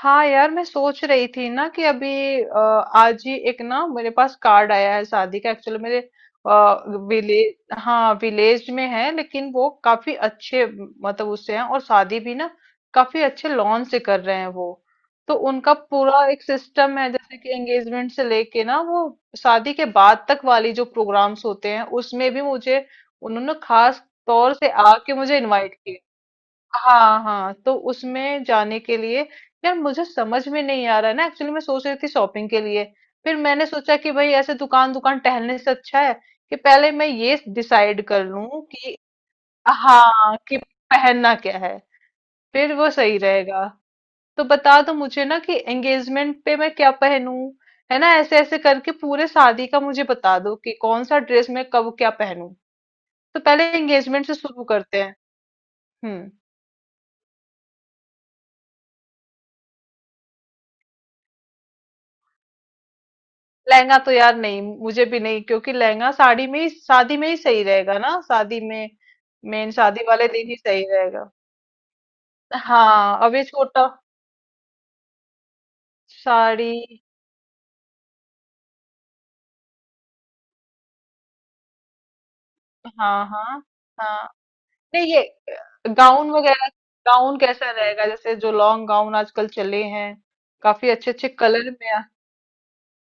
हाँ यार मैं सोच रही थी ना कि अभी अ, आज ही एक ना मेरे पास कार्ड आया है शादी का। एक्चुअली मेरे विलेज, हाँ विलेज में है, लेकिन वो काफी अच्छे मतलब उससे हैं। और शादी भी ना काफी अच्छे लॉन से कर रहे हैं वो। तो उनका पूरा एक सिस्टम है, जैसे कि एंगेजमेंट से लेके ना वो शादी के बाद तक वाली जो प्रोग्राम्स होते हैं उसमें भी मुझे उन्होंने खास तौर से आके मुझे इनवाइट किया। हाँ हाँ, तो उसमें जाने के लिए यार मुझे समझ में नहीं आ रहा है ना। एक्चुअली मैं सोच रही थी शॉपिंग के लिए, फिर मैंने सोचा कि भाई ऐसे दुकान दुकान टहलने से अच्छा है कि पहले मैं ये डिसाइड कर लूं कि हाँ, कि पहनना क्या है, फिर वो सही रहेगा। तो बता दो मुझे ना कि एंगेजमेंट पे मैं क्या पहनूं। है ना, ऐसे ऐसे करके पूरे शादी का मुझे बता दो कि कौन सा ड्रेस मैं कब क्या पहनूं। तो पहले एंगेजमेंट से शुरू करते हैं। हम्म। लहंगा तो यार नहीं, मुझे भी नहीं, क्योंकि लहंगा साड़ी में ही, शादी में ही सही रहेगा ना, शादी में मेन शादी वाले दिन ही सही रहेगा। हाँ अब ये छोटा साड़ी। हाँ हाँ। हाँ नहीं ये गाउन वगैरह, गाउन कैसा रहेगा जैसे जो लॉन्ग गाउन आजकल चले हैं काफी अच्छे अच्छे कलर में।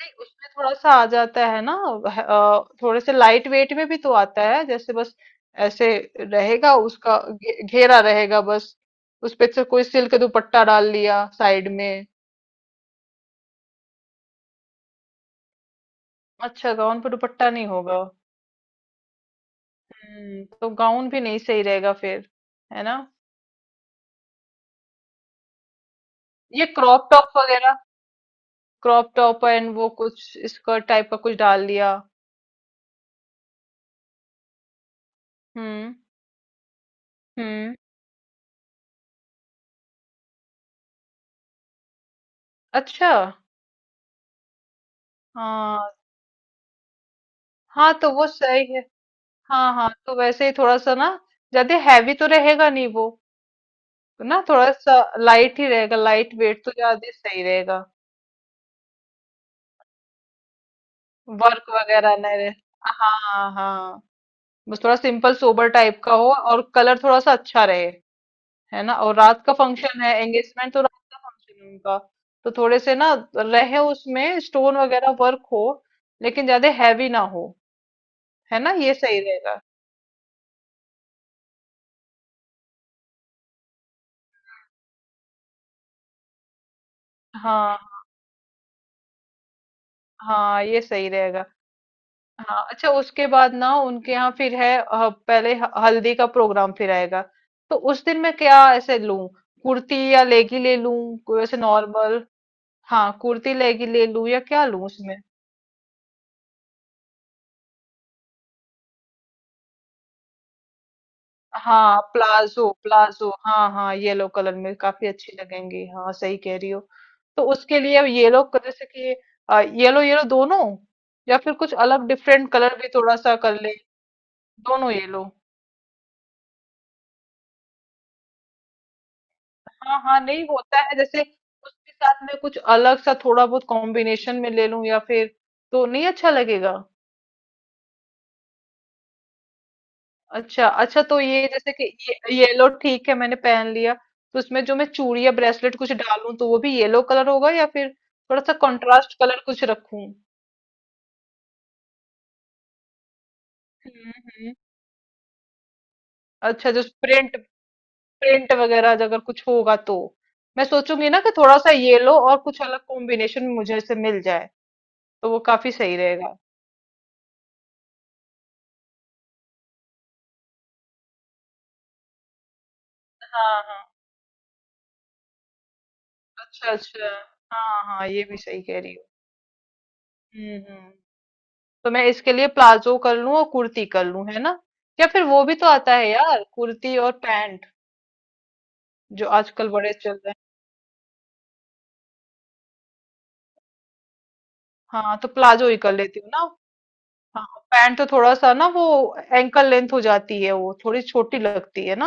नहीं उसमें थोड़ा सा आ जाता है ना। थोड़े से लाइट वेट में भी तो आता है, जैसे बस ऐसे रहेगा, उसका घेरा रहेगा बस। उस पे से कोई सिल्क दुपट्टा डाल लिया साइड में। अच्छा, गाउन पे दुपट्टा नहीं होगा। हम्म, तो गाउन भी नहीं सही रहेगा फिर, है ना। ये क्रॉप टॉप वगैरह, क्रॉप टॉप एंड वो कुछ स्कर्ट टाइप का कुछ डाल लिया। हम्म हम्म। अच्छा। हाँ हाँ, तो वो सही है। हाँ हाँ, तो वैसे ही थोड़ा सा ना, ज्यादा हैवी तो रहेगा नहीं वो, ना थोड़ा सा लाइट ही रहेगा, लाइट वेट तो ज्यादा सही रहेगा। वर्क वगैरह नहीं रहे, हाँ हाँ, बस थोड़ा सिंपल सोबर टाइप का हो और कलर थोड़ा सा अच्छा रहे। है ना। और रात का फंक्शन है एंगेजमेंट, तो रात का फंक्शन है उनका, तो थोड़े से ना रहे उसमें स्टोन वगैरह वर्क हो, लेकिन ज्यादा हैवी ना हो। है ना, ये सही रहेगा। हाँ हाँ, ये सही रहेगा। हाँ अच्छा, उसके बाद ना उनके यहाँ फिर है पहले हल्दी का प्रोग्राम फिर आएगा। तो उस दिन मैं क्या ऐसे लूं, कुर्ती या लेगी ले लूं कोई ऐसे नॉर्मल। हाँ कुर्ती लेगी ले लूं या क्या लूं उसमें। हाँ प्लाजो प्लाजो, हाँ हाँ येलो कलर में काफी अच्छी लगेंगी, हाँ सही कह रही हो। तो उसके लिए येलो, जैसे कि येलो येलो दोनों, या फिर कुछ अलग डिफरेंट कलर भी थोड़ा सा कर ले, दोनों येलो। हाँ हाँ, नहीं होता है जैसे उसके साथ में कुछ अलग सा थोड़ा बहुत कॉम्बिनेशन में ले लूं, या फिर तो नहीं अच्छा लगेगा। अच्छा अच्छा, तो ये जैसे कि ये येलो ठीक है, मैंने पहन लिया, तो उसमें जो मैं चूड़ी या ब्रेसलेट कुछ डालूं तो वो भी येलो कलर होगा, या फिर थोड़ा सा कंट्रास्ट कलर कुछ रखूं। हम्म हम्म। अच्छा, जो प्रिंट, प्रिंट वगैरह अगर कुछ होगा तो मैं सोचूंगी ना कि थोड़ा सा येलो और कुछ अलग कॉम्बिनेशन मुझे से मिल जाए तो वो काफी सही रहेगा। हाँ हाँ। अच्छा, अच्छा। हाँ, हाँ, ये भी सही कह रही हो। हुँ, हुँ। तो मैं इसके लिए प्लाज़ो कर लूँ और कुर्ती कर लूँ, है ना? या फिर वो भी तो आता है यार, कुर्ती और पैंट जो आजकल बड़े चल रहे हैं। हाँ, तो प्लाज़ो ही कर लेती हूँ ना। हाँ, पैंट तो थोड़ा-सा ना वो एंकल लेंथ हो जाती है वो, थोड़ी छोटी लगती है ना?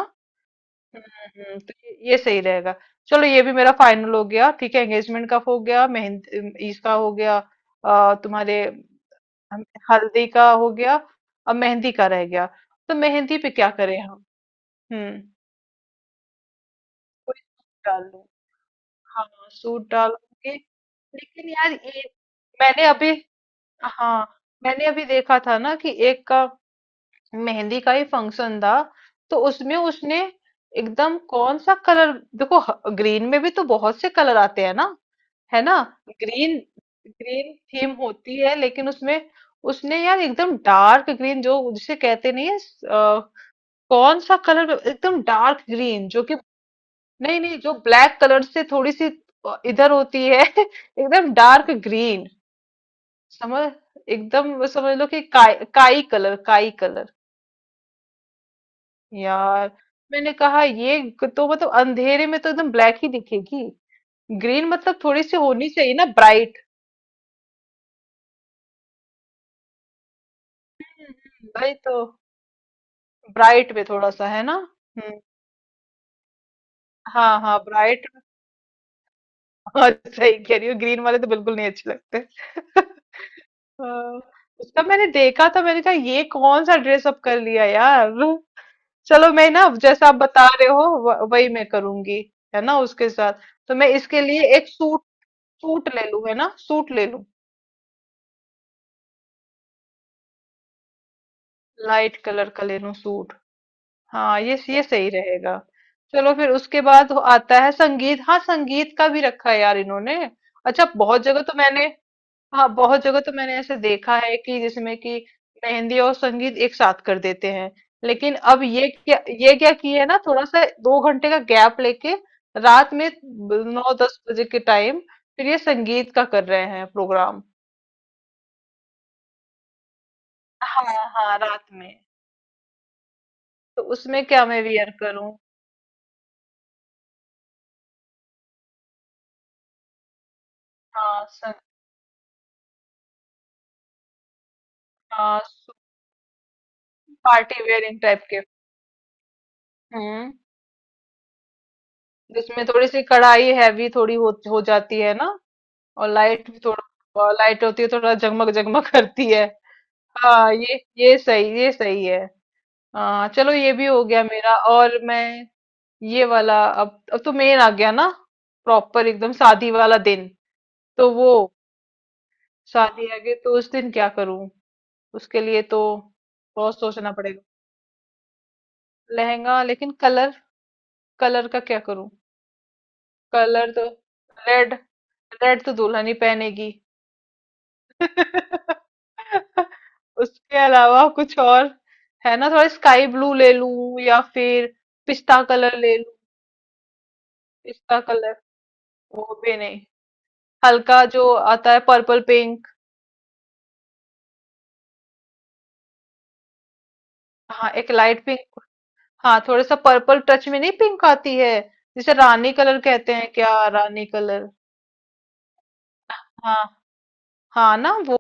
हुँ, हुँ, तो ये सही रहेगा। चलो ये भी मेरा फाइनल हो गया, ठीक है? एंगेजमेंट का हो गया, इसका हो गया। तुम्हारे। हम। हल्दी का हो गया और मेहंदी का रह गया। तो मेहंदी पे क्या करें हम। हम्म, कोई सूट डाल लूं। हाँ सूट डालूंगी। लेकिन यार ये, मैंने अभी, हाँ मैंने अभी देखा था ना कि एक का मेहंदी का ही फंक्शन था, तो उसमें उसने एकदम कौन सा कलर, देखो ग्रीन में भी तो बहुत से कलर आते हैं ना, है ना। ग्रीन, ग्रीन थीम होती है लेकिन उसमें उसने यार एकदम डार्क ग्रीन जो जिसे कहते नहीं है, कौन सा कलर, एकदम डार्क ग्रीन जो कि, नहीं नहीं, जो ब्लैक कलर से थोड़ी सी इधर होती है एकदम डार्क ग्रीन, समझ, एकदम समझ लो कि काई काई कलर, काई कलर यार। मैंने कहा ये तो मतलब अंधेरे में तो एकदम ब्लैक ही दिखेगी, ग्रीन मतलब थोड़ी सी होनी चाहिए ना ब्राइट। भाई तो ब्राइट में थोड़ा सा, है ना। हम्म, हाँ हाँ ब्राइट, और सही कह रही हो, ग्रीन वाले तो बिल्कुल नहीं अच्छे लगते हाँ, उसका मैंने देखा था, मैंने कहा ये कौन सा ड्रेस अप कर लिया यार। चलो मैं ना जैसा आप बता रहे हो वही मैं करूंगी, है ना उसके साथ। तो मैं इसके लिए एक सूट, सूट ले लूं, है ना सूट ले लूं, लाइट कलर का ले लूं सूट। हाँ ये सही रहेगा। चलो फिर उसके बाद आता है संगीत, हाँ संगीत का भी रखा है यार इन्होंने। अच्छा बहुत जगह तो मैंने, हाँ बहुत जगह तो मैंने ऐसे देखा है कि जिसमें कि मेहंदी और संगीत एक साथ कर देते हैं, लेकिन अब ये क्या, ये क्या किए, है ना, थोड़ा सा 2 घंटे का गैप लेके रात में 9 10 बजे के टाइम फिर ये संगीत का कर रहे हैं प्रोग्राम। हाँ हाँ, रात में। तो उसमें क्या मैं वियर करूं। हाँ सं, हाँ पार्टी वेयरिंग टाइप के। हम्म, जिसमें थोड़ी सी कढ़ाई हैवी थोड़ी हो जाती है ना, और लाइट भी थोड़ा लाइट होती है, थोड़ा जगमग जगमग करती है। हाँ ये सही, ये सही है। हाँ चलो ये भी हो गया मेरा, और मैं ये वाला, अब तो मेन आ गया ना, प्रॉपर एकदम शादी वाला दिन। तो वो, शादी आ गई तो उस दिन क्या करूं, उसके लिए तो बहुत सोचना पड़ेगा। लहंगा, लेकिन कलर, कलर का क्या करूं। कलर तो रेड, रेड तो दुल्हन ही पहनेगी उसके अलावा कुछ और, है ना, थोड़ा स्काई ब्लू ले लूं या फिर पिस्ता कलर ले लूं, पिस्ता कलर, वो भी नहीं। हल्का जो आता है पर्पल पिंक, हाँ एक लाइट पिंक, हाँ थोड़ा सा पर्पल टच में नहीं पिंक आती है, जिसे रानी कलर कहते हैं क्या, रानी कलर। हाँ हाँ ना वो,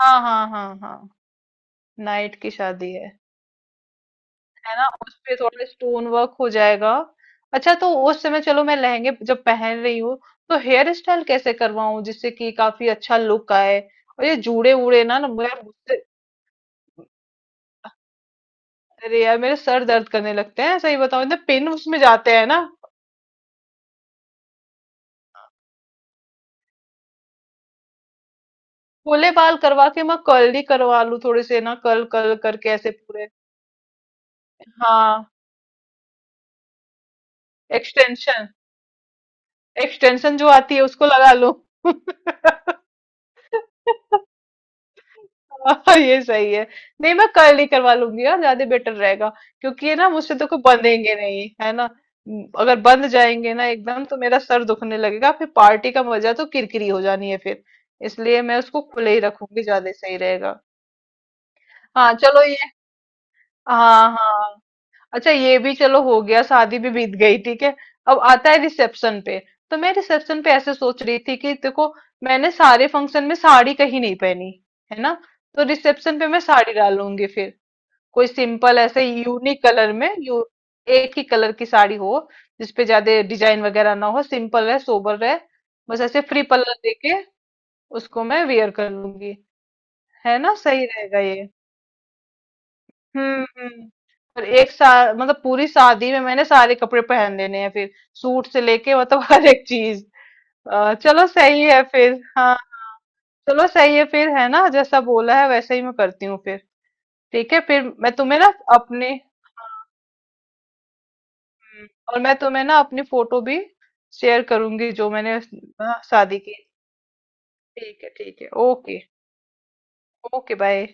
हाँ हाँ हाँ हाँ। नाइट की शादी है ना, उस पे थोड़ा स्टोन वर्क हो जाएगा। अच्छा तो उस समय चलो मैं लहंगे जब पहन रही हूँ तो हेयर स्टाइल कैसे करवाऊं जिससे कि काफी अच्छा लुक आए, और ये जूड़े उड़े ना ना, मुझे, अरे यार मेरे सर दर्द करने लगते हैं, सही बताऊं, इतने पिन उसमें जाते हैं ना। खुले बाल करवा के मैं कर्ल ही करवा लूं, थोड़े से ना कर्ल कर्ल करके ऐसे पूरे। हाँ एक्सटेंशन, एक्सटेंशन जो आती है उसको लगा लूं हाँ, ये सही है। नहीं मैं कर्ल ही करवा लूंगी यार, ज्यादा बेटर रहेगा, क्योंकि ये ना मुझसे तो कोई बंधेंगे नहीं, है ना। अगर बंध जाएंगे ना एकदम तो मेरा सर दुखने लगेगा, फिर पार्टी का मजा तो किरकिरी हो जानी है फिर, इसलिए मैं उसको खुले ही रखूंगी, ज्यादा सही रहेगा। हाँ चलो ये, हाँ हाँ, अच्छा ये भी चलो हो गया, शादी भी बीत गई, ठीक है। अब आता है रिसेप्शन पे, तो मैं रिसेप्शन पे ऐसे सोच रही थी कि देखो मैंने सारे फंक्शन में साड़ी कहीं नहीं पहनी, है ना, तो रिसेप्शन पे मैं साड़ी डालूंगी फिर, कोई सिंपल ऐसे यूनिक कलर में, यू एक ही कलर की साड़ी हो जिसपे ज्यादा डिजाइन वगैरह ना हो, सिंपल रहे, सोबर रहे, बस ऐसे फ्री पल्ला देके उसको मैं वेयर कर लूंगी, है ना, सही रहेगा ये। हम्म हम्म। और एक साथ मतलब पूरी शादी में मैंने सारे कपड़े पहन लेने हैं फिर, सूट से लेके मतलब हर एक चीज। चलो सही है फिर, हाँ चलो सही है फिर, है ना जैसा बोला है वैसे ही मैं करती हूँ फिर। ठीक है, फिर मैं तुम्हें ना अपने, हम्म, और मैं तुम्हें ना अपनी फोटो भी शेयर करूंगी जो मैंने, हाँ, शादी की। ठीक है ठीक है, ओके। Okay bye.